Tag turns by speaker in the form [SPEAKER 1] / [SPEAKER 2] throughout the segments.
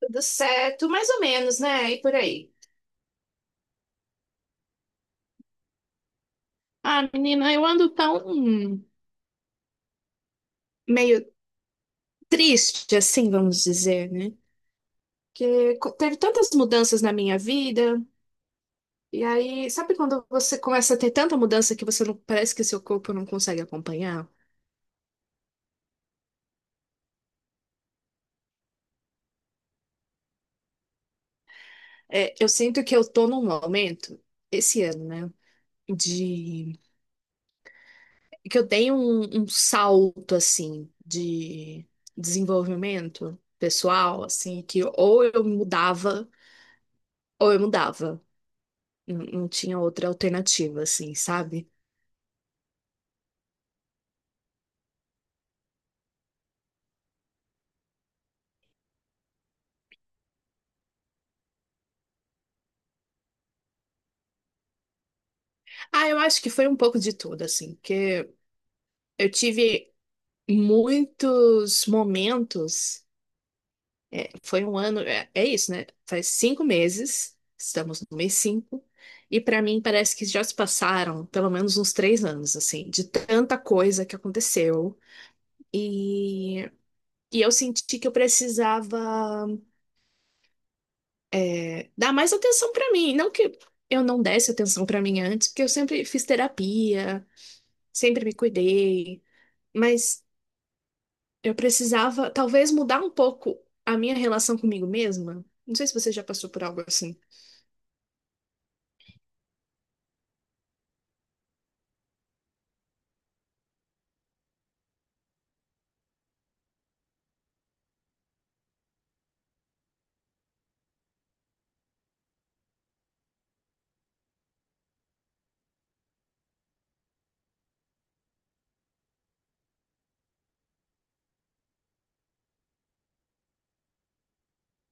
[SPEAKER 1] Tudo certo, mais ou menos, né? E por aí. Ah, menina, eu ando tão meio triste, assim, vamos dizer, né? Teve tantas mudanças na minha vida. E aí, sabe quando você começa a ter tanta mudança que você não parece que seu corpo não consegue acompanhar? Eu sinto que eu tô num momento, esse ano, né? De que eu dei um salto, assim, de desenvolvimento pessoal, assim, que ou eu mudava, ou eu mudava. Não tinha outra alternativa, assim, sabe? Ah, eu acho que foi um pouco de tudo, assim, porque eu tive muitos momentos. Foi um ano, é isso, né? Faz cinco meses, estamos no mês cinco, e pra mim parece que já se passaram pelo menos uns três anos, assim, de tanta coisa que aconteceu. E, e eu senti que eu precisava dar mais atenção pra mim. Não que eu não desse atenção pra mim antes, porque eu sempre fiz terapia, sempre me cuidei, mas eu precisava talvez mudar um pouco a minha relação comigo mesma. Não sei se você já passou por algo assim.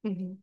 [SPEAKER 1] Uhum.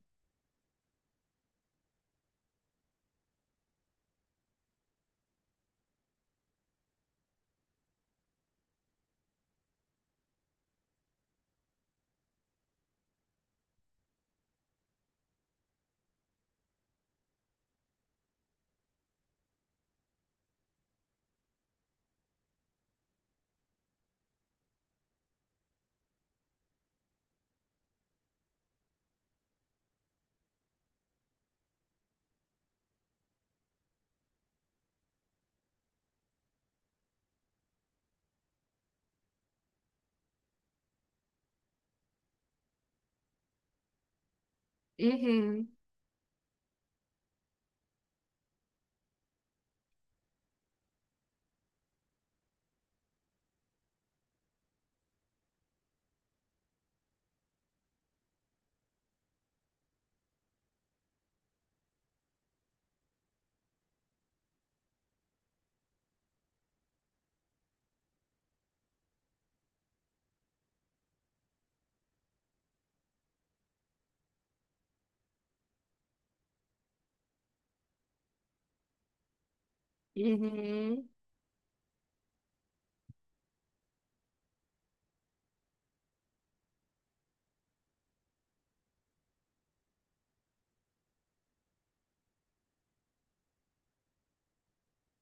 [SPEAKER 1] Uhum. Uhum.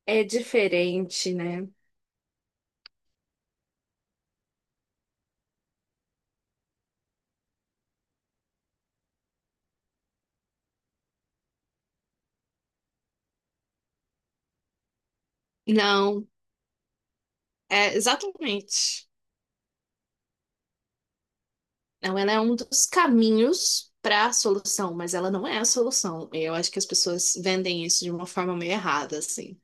[SPEAKER 1] É diferente, né? Não, é exatamente. Não, ela é um dos caminhos para a solução, mas ela não é a solução. Eu acho que as pessoas vendem isso de uma forma meio errada, assim.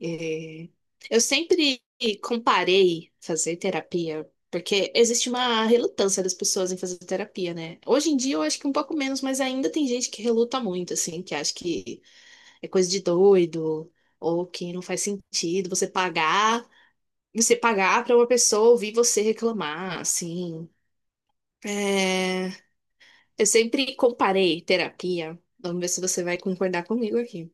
[SPEAKER 1] É, Eu sempre comparei fazer terapia, porque existe uma relutância das pessoas em fazer terapia, né? Hoje em dia eu acho que um pouco menos, mas ainda tem gente que reluta muito, assim, que acha que é coisa de doido, ou que não faz sentido você pagar pra uma pessoa ouvir você reclamar, assim. É, Eu sempre comparei terapia. Vamos ver se você vai concordar comigo aqui.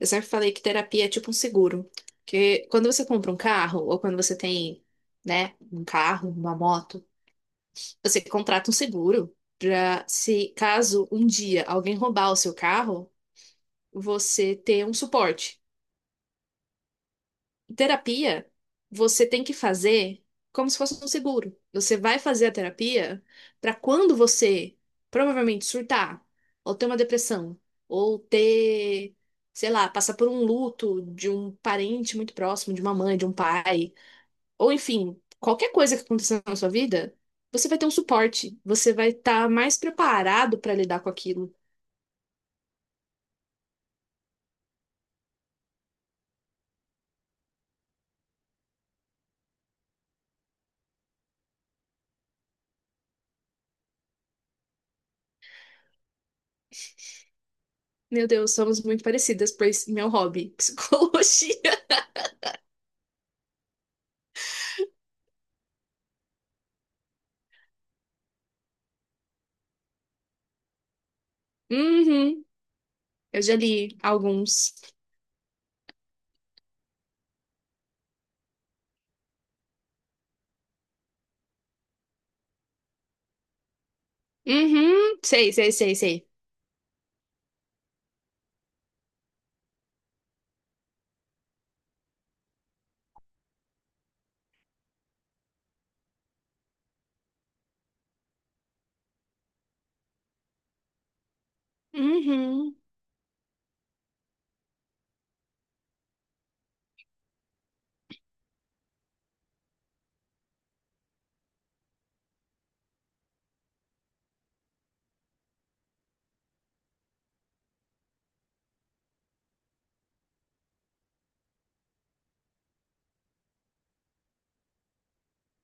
[SPEAKER 1] Eu sempre falei que terapia é tipo um seguro. Porque quando você compra um carro, ou quando você tem, né, um carro, uma moto, você contrata um seguro pra, se caso um dia alguém roubar o seu carro, você ter um suporte. Terapia, você tem que fazer como se fosse um seguro. Você vai fazer a terapia para quando você provavelmente surtar, ou ter uma depressão, ou ter, sei lá, passar por um luto de um parente muito próximo, de uma mãe, de um pai, ou enfim, qualquer coisa que aconteça na sua vida, você vai ter um suporte, você vai estar mais preparado para lidar com aquilo. Meu Deus, somos muito parecidas, pois meu hobby, psicologia. Uhum, eu já li alguns. Uhum, sei, sei, sei, sei. Uhum,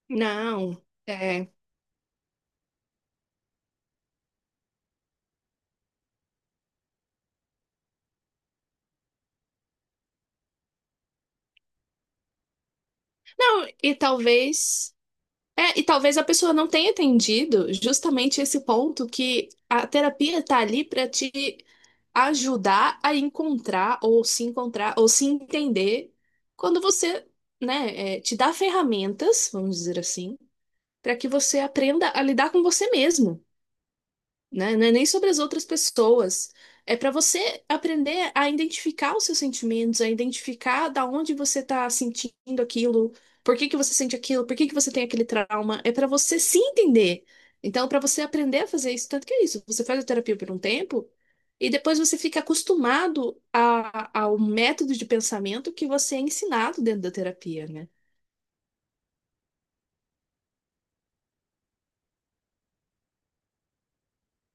[SPEAKER 1] não. É. Não, e talvez. É, e talvez a pessoa não tenha entendido justamente esse ponto que a terapia tá ali para te ajudar a encontrar ou se entender quando você, né, te dá ferramentas, vamos dizer assim, para que você aprenda a lidar com você mesmo. Né? Não é nem sobre as outras pessoas. É para você aprender a identificar os seus sentimentos, a identificar da onde você tá sentindo aquilo, por que que você sente aquilo, por que que você tem aquele trauma. É para você se entender. Então, para você aprender a fazer isso, tanto que é isso, você faz a terapia por um tempo e depois você fica acostumado ao método de pensamento que você é ensinado dentro da terapia, né?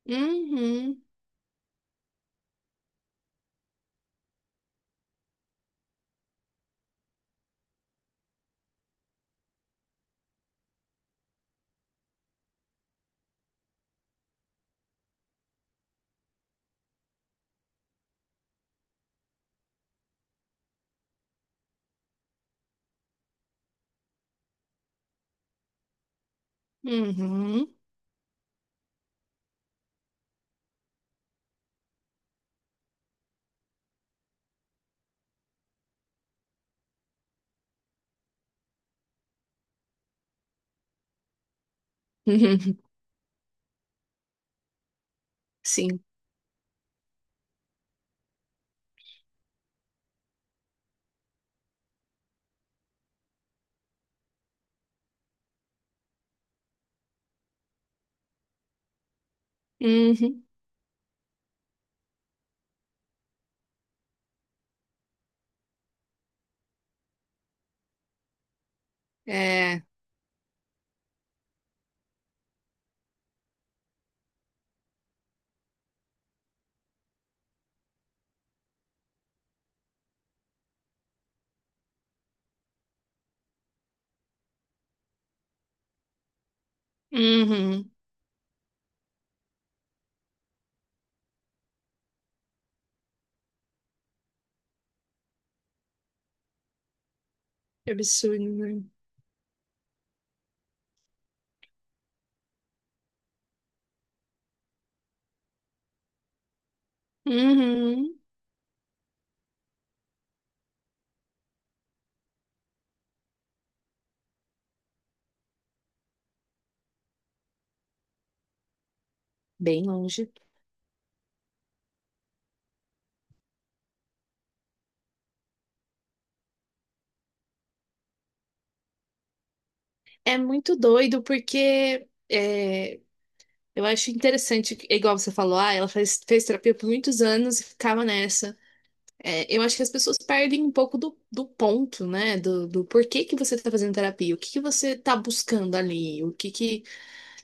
[SPEAKER 1] Uhum, uhum, uhum, sim, uhum, é, uhum. Que absurdo, né? Uhum. Bem longe. É muito doido porque eu acho interessante, é igual você falou, ah, fez terapia por muitos anos e ficava nessa. É, eu acho que as pessoas perdem um pouco do ponto, né? Do porquê que você tá fazendo terapia, o que que você tá buscando ali, o que que.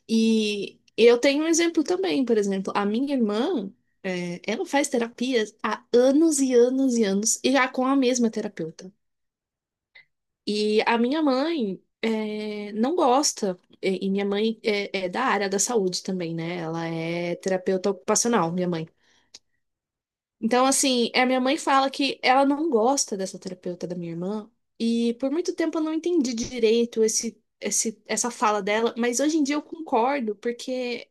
[SPEAKER 1] E eu tenho um exemplo também, por exemplo, a minha irmã, é, ela faz terapia há anos e anos e anos, e já com a mesma terapeuta. E a minha mãe é, não gosta, e minha mãe é, é da área da saúde também, né? Ela é terapeuta ocupacional, minha mãe. Então, assim, a minha mãe fala que ela não gosta dessa terapeuta da minha irmã, e por muito tempo eu não entendi direito essa fala dela, mas hoje em dia eu concordo, porque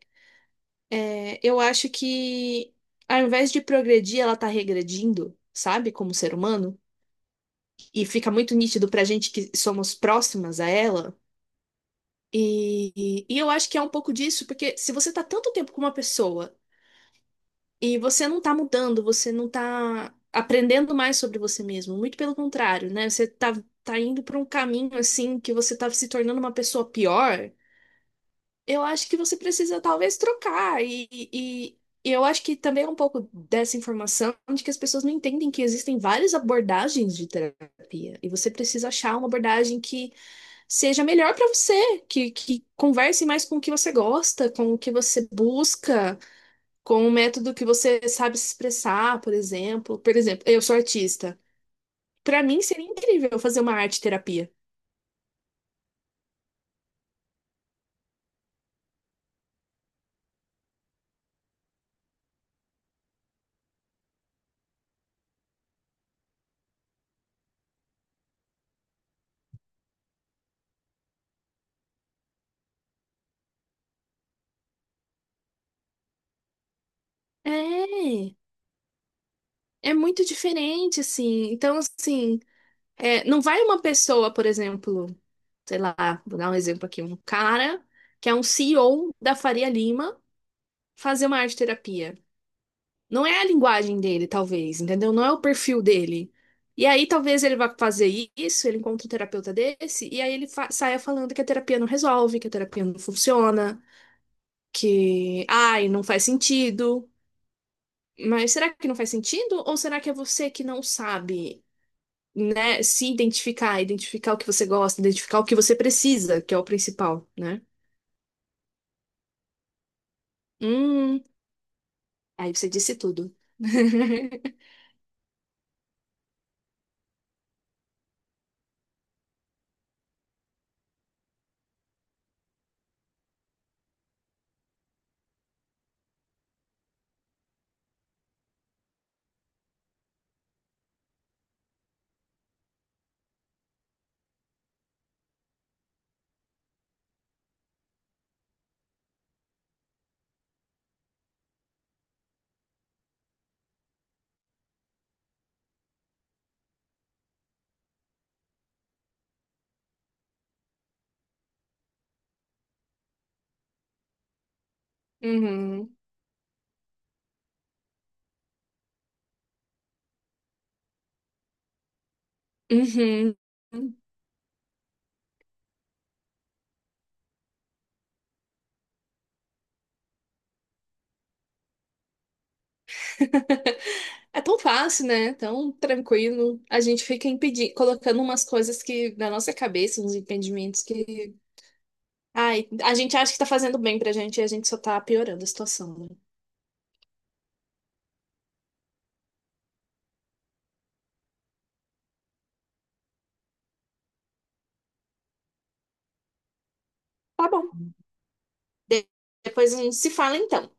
[SPEAKER 1] é, eu acho que ao invés de progredir, ela tá regredindo, sabe, como ser humano, e fica muito nítido pra gente que somos próximas a ela. E eu acho que é um pouco disso, porque se você tá tanto tempo com uma pessoa e você não tá mudando, você não tá aprendendo mais sobre você mesmo, muito pelo contrário, né? Tá indo pra um caminho assim que você tá se tornando uma pessoa pior, eu acho que você precisa talvez trocar. E eu acho que também é um pouco dessa informação de que as pessoas não entendem que existem várias abordagens de terapia e você precisa achar uma abordagem que seja melhor para você, que converse mais com o que você gosta, com o que você busca, com o método que você sabe se expressar, por exemplo. Por exemplo, eu sou artista. Para mim seria incrível fazer uma arte terapia. É, é muito diferente, assim. Então, assim, é, não vai uma pessoa, por exemplo, sei lá, vou dar um exemplo aqui, um cara que é um CEO da Faria Lima, fazer uma arte terapia. Não é a linguagem dele, talvez, entendeu? Não é o perfil dele. E aí, talvez ele vá fazer isso, ele encontra um terapeuta desse, e aí ele saia falando que a terapia não resolve, que a terapia não funciona, que, ai, não faz sentido. Mas será que não faz sentido? Ou será que é você que não sabe, né, se identificar, identificar o que você gosta, identificar o que você precisa, que é o principal, né? Hum, aí você disse tudo. Uhum, uhum. É tão fácil, né? Tão tranquilo. A gente fica impedindo, colocando umas coisas que na nossa cabeça, uns impedimentos que. Ai, a gente acha que tá fazendo bem pra gente e a gente só tá piorando a situação, né? Tá bom. De- Depois a gente se fala então.